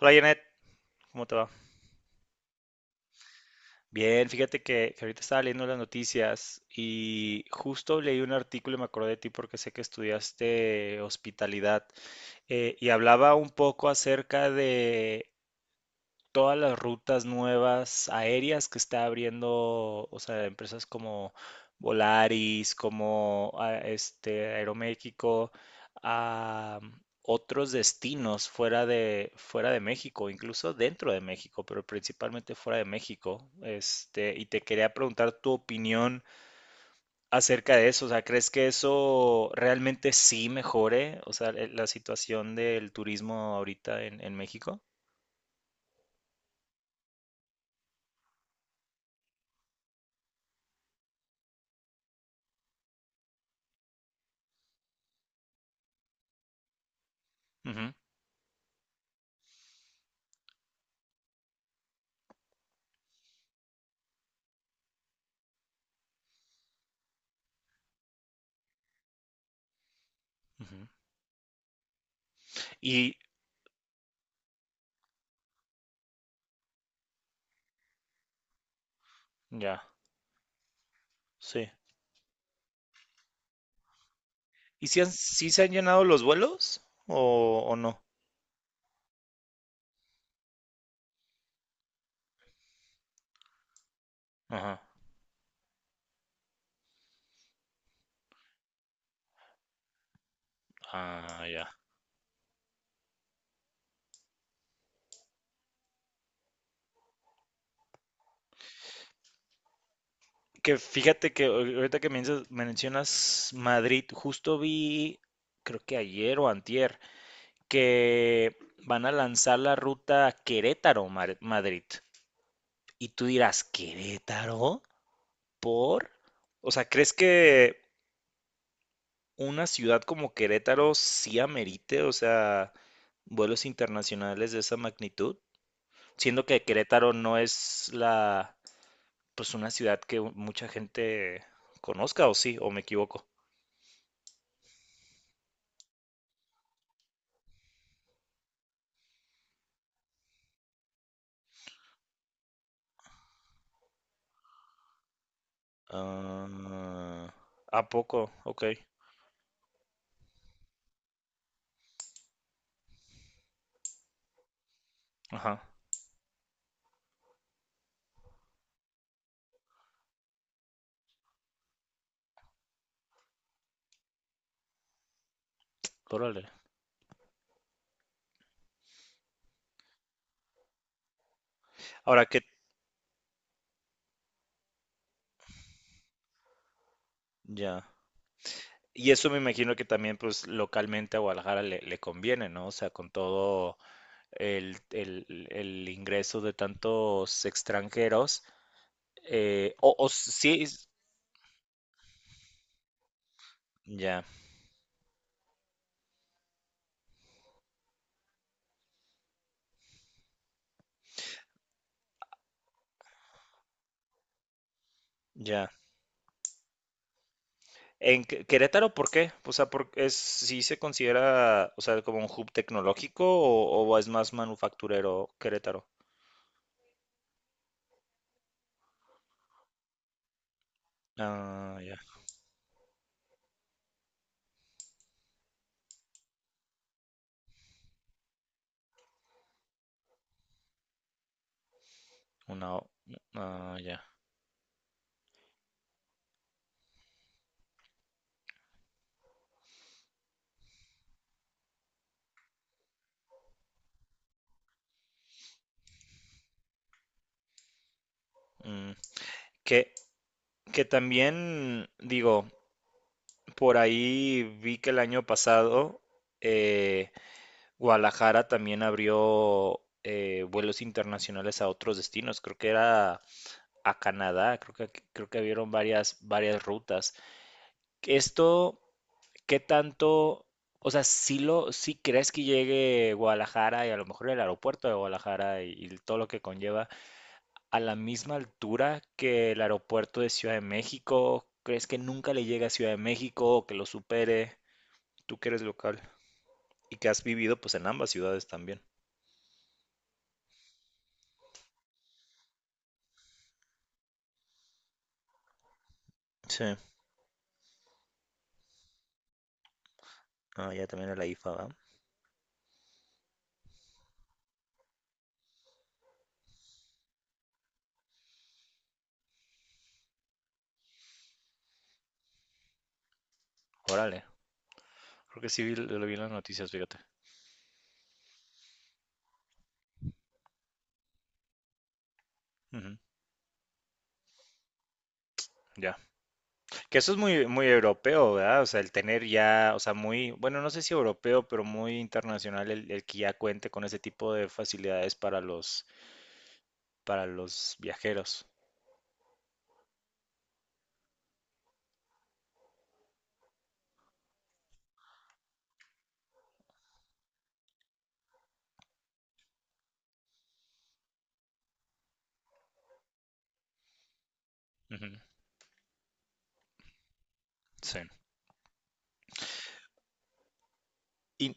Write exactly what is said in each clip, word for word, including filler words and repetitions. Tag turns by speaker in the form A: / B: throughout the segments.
A: Hola Janet, ¿cómo te va? Bien, fíjate que, que ahorita estaba leyendo las noticias y justo leí un artículo y me acordé de ti porque sé que estudiaste hospitalidad eh, y hablaba un poco acerca de todas las rutas nuevas aéreas que está abriendo, o sea, empresas como Volaris, como ah, este Aeroméxico, a otros destinos fuera de fuera de México, incluso dentro de México, pero principalmente fuera de México. Este, y te quería preguntar tu opinión acerca de eso, o sea, ¿crees que eso realmente sí mejore, o sea, el- la situación del turismo ahorita en, en México? Ujú, ujú. Y ya, sí. ¿Y si, han- si se han llenado los vuelos o, o no? Ajá. Ah, ya. Que fíjate que ahor- ahorita que mencio- mencionas Madrid, justo vi, creo que ayer o antier, que van a lanzar la ruta Querétaro-Madrid. Y tú dirás, ¿Querétaro? ¿Por? O sea, ¿crees que una ciudad como Querétaro sí amerite, o sea, vuelos internacionales de esa magnitud? Siendo que Querétaro no es la, pues una ciudad que mucha gente conozca, o sí, o me equivoco. Ah, ¿a poco? Ok. Ajá. Órale. Ahora que, ya. Y eso me imagino que también, pues, localmente a Guadalajara le, le conviene, ¿no? O sea, con todo el, el- el ingreso de tantos extranjeros. eh, o, o sí, ya, ya. En Qué- Querétaro, ¿por qué? O sea, por, es, ¿sí se considera, o sea, como un hub tecnológico o, o es más manufacturero Querétaro? Ah, ya, una, o- ah, ya. Mm. Que, que también, digo, por ahí vi que el año pasado eh, Guadalajara también abrió eh, vuelos internacionales a otros destinos. Creo que era a Canadá, creo que, creo que abrieron varias, varias rutas. Esto... ¿Qué tanto, o sea, si lo, si crees que llegue Guadalajara y a lo mejor el aeropuerto de Guadalajara y, y todo lo que conlleva a la misma altura que el aeropuerto de Ciudad de México? ¿Crees que nunca le llegue a Ciudad de México o que lo supere? Tú que eres local y que has vivido pues en ambas ciudades también. Sí, ah, ya también en la I F A, ¿verdad? Órale, creo que sí vi- lo vi en las noticias, fíjate. Ujú. Ya. Que eso es muy, muy europeo, ¿verdad? O sea, el tener ya, o sea, muy, bueno, no sé si europeo, pero muy internacional el, el que ya cuente con ese tipo de facilidades para los, para los viajeros. Ujú. Sí. Y,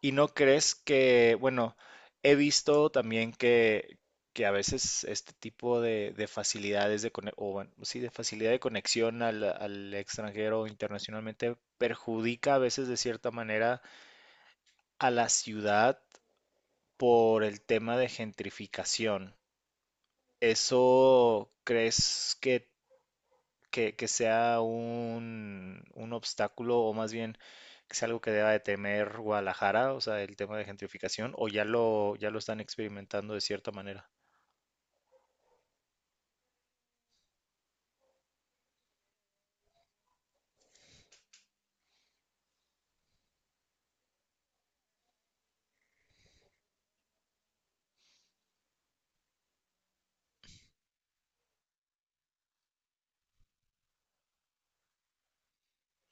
A: y no crees que, bueno, he visto también que, que, a veces este tipo de, de facilidades de, cone- o bueno, sí, de facilidad de conexión al, al extranjero internacionalmente perjudica a veces de cierta manera a la ciudad por el tema de gentrificación. ¿Eso crees que, que- que sea un, un obstáculo o más bien que sea algo que deba de temer Guadalajara, o sea, el tema de gentrificación, o ya lo, ya lo están experimentando de cierta manera?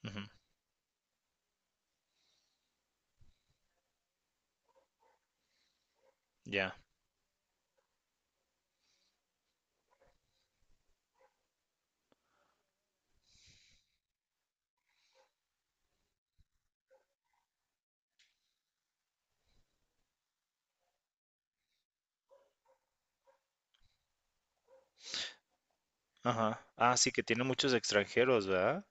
A: Ujú. Ya. Ajá. Ah, sí, que tiene muchos extranjeros, ¿verdad?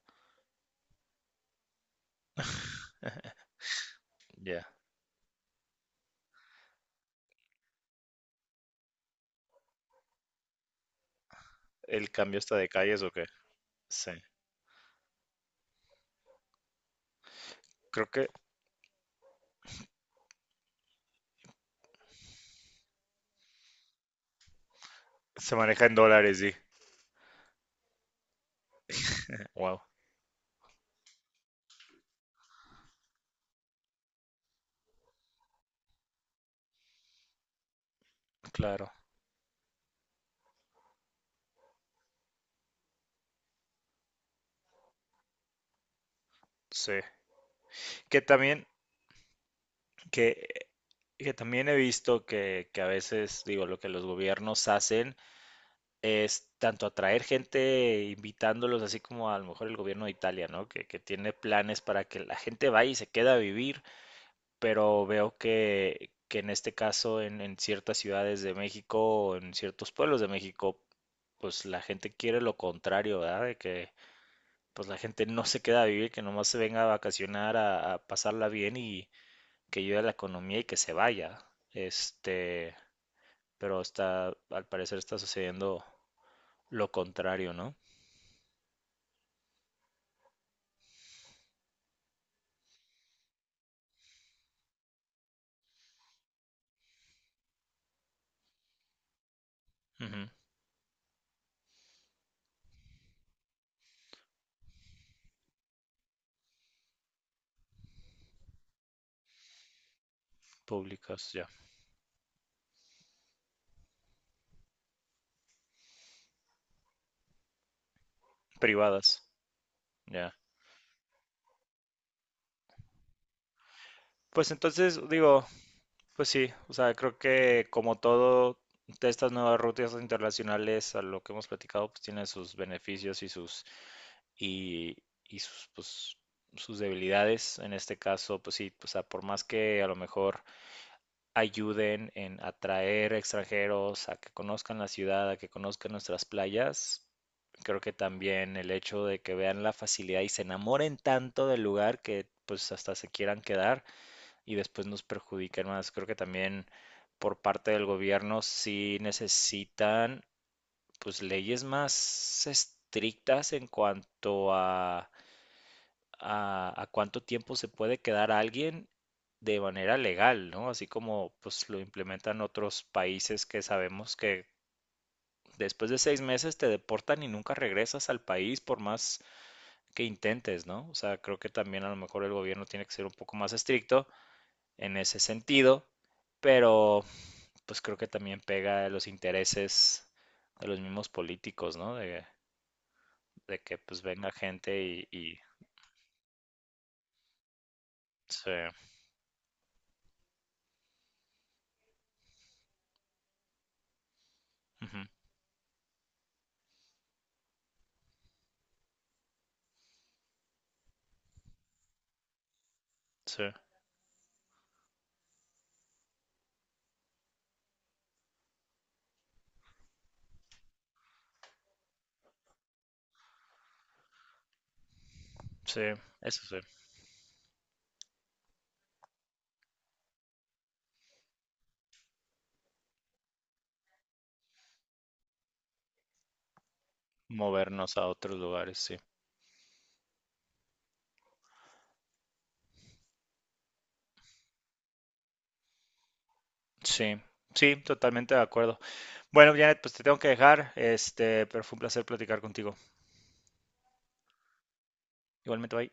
A: Ya. ¿El cambio está de calles o qué? Sí. Creo que se maneja en dólares, sí. Wow. Claro. Sí. Que también, Que, que también he visto que, que, a veces, digo, lo que los gobiernos hacen es tanto atraer gente invitándolos, así como a lo mejor el gobierno de Italia, ¿no? Que, que tiene planes para que la gente vaya y se queda a vivir, pero veo que, que en este caso en, en ciertas ciudades de México o en ciertos pueblos de México, pues la gente quiere lo contrario, ¿verdad? De que pues la gente no se queda a vivir, que nomás se venga a vacacionar, a, a pasarla bien y, que ayude a la economía y que se vaya. Este, pero está, al parecer está sucediendo lo contrario, ¿no? Ujú. Públicas, ya. Privadas, ya. Pues entonces, digo, pues sí, o sea, creo que como todo de estas nuevas rutas internacionales a lo que hemos platicado, pues tiene sus beneficios y sus y, y sus pues, sus debilidades. En este caso, pues sí, o sea, por más que a lo mejor ayuden en atraer extranjeros a que conozcan la ciudad, a que conozcan nuestras playas. Creo que también el hecho de que vean la facilidad y se enamoren tanto del lugar que pues hasta se quieran quedar y después nos perjudiquen más. Creo que también por parte del gobierno sí necesitan pues leyes más estrictas en cuanto a a, a cuánto tiempo se puede quedar alguien de manera legal, ¿no? Así como pues lo implementan otros países que sabemos que después de seis meses te deportan y nunca regresas al país por más que intentes, ¿no? O sea, creo que también a lo mejor el gobierno tiene que ser un poco más estricto en ese sentido, pero pues creo que también pega a los intereses de los mismos políticos, ¿no? De, de que pues venga gente y, y- sí, ujú, sí, sí, eso sí. Movernos a otros lugares, sí. Sí, sí, totalmente de acuerdo. Bueno, Janet, pues te tengo que dejar, este, pero fue un placer platicar contigo. Igualmente, bye.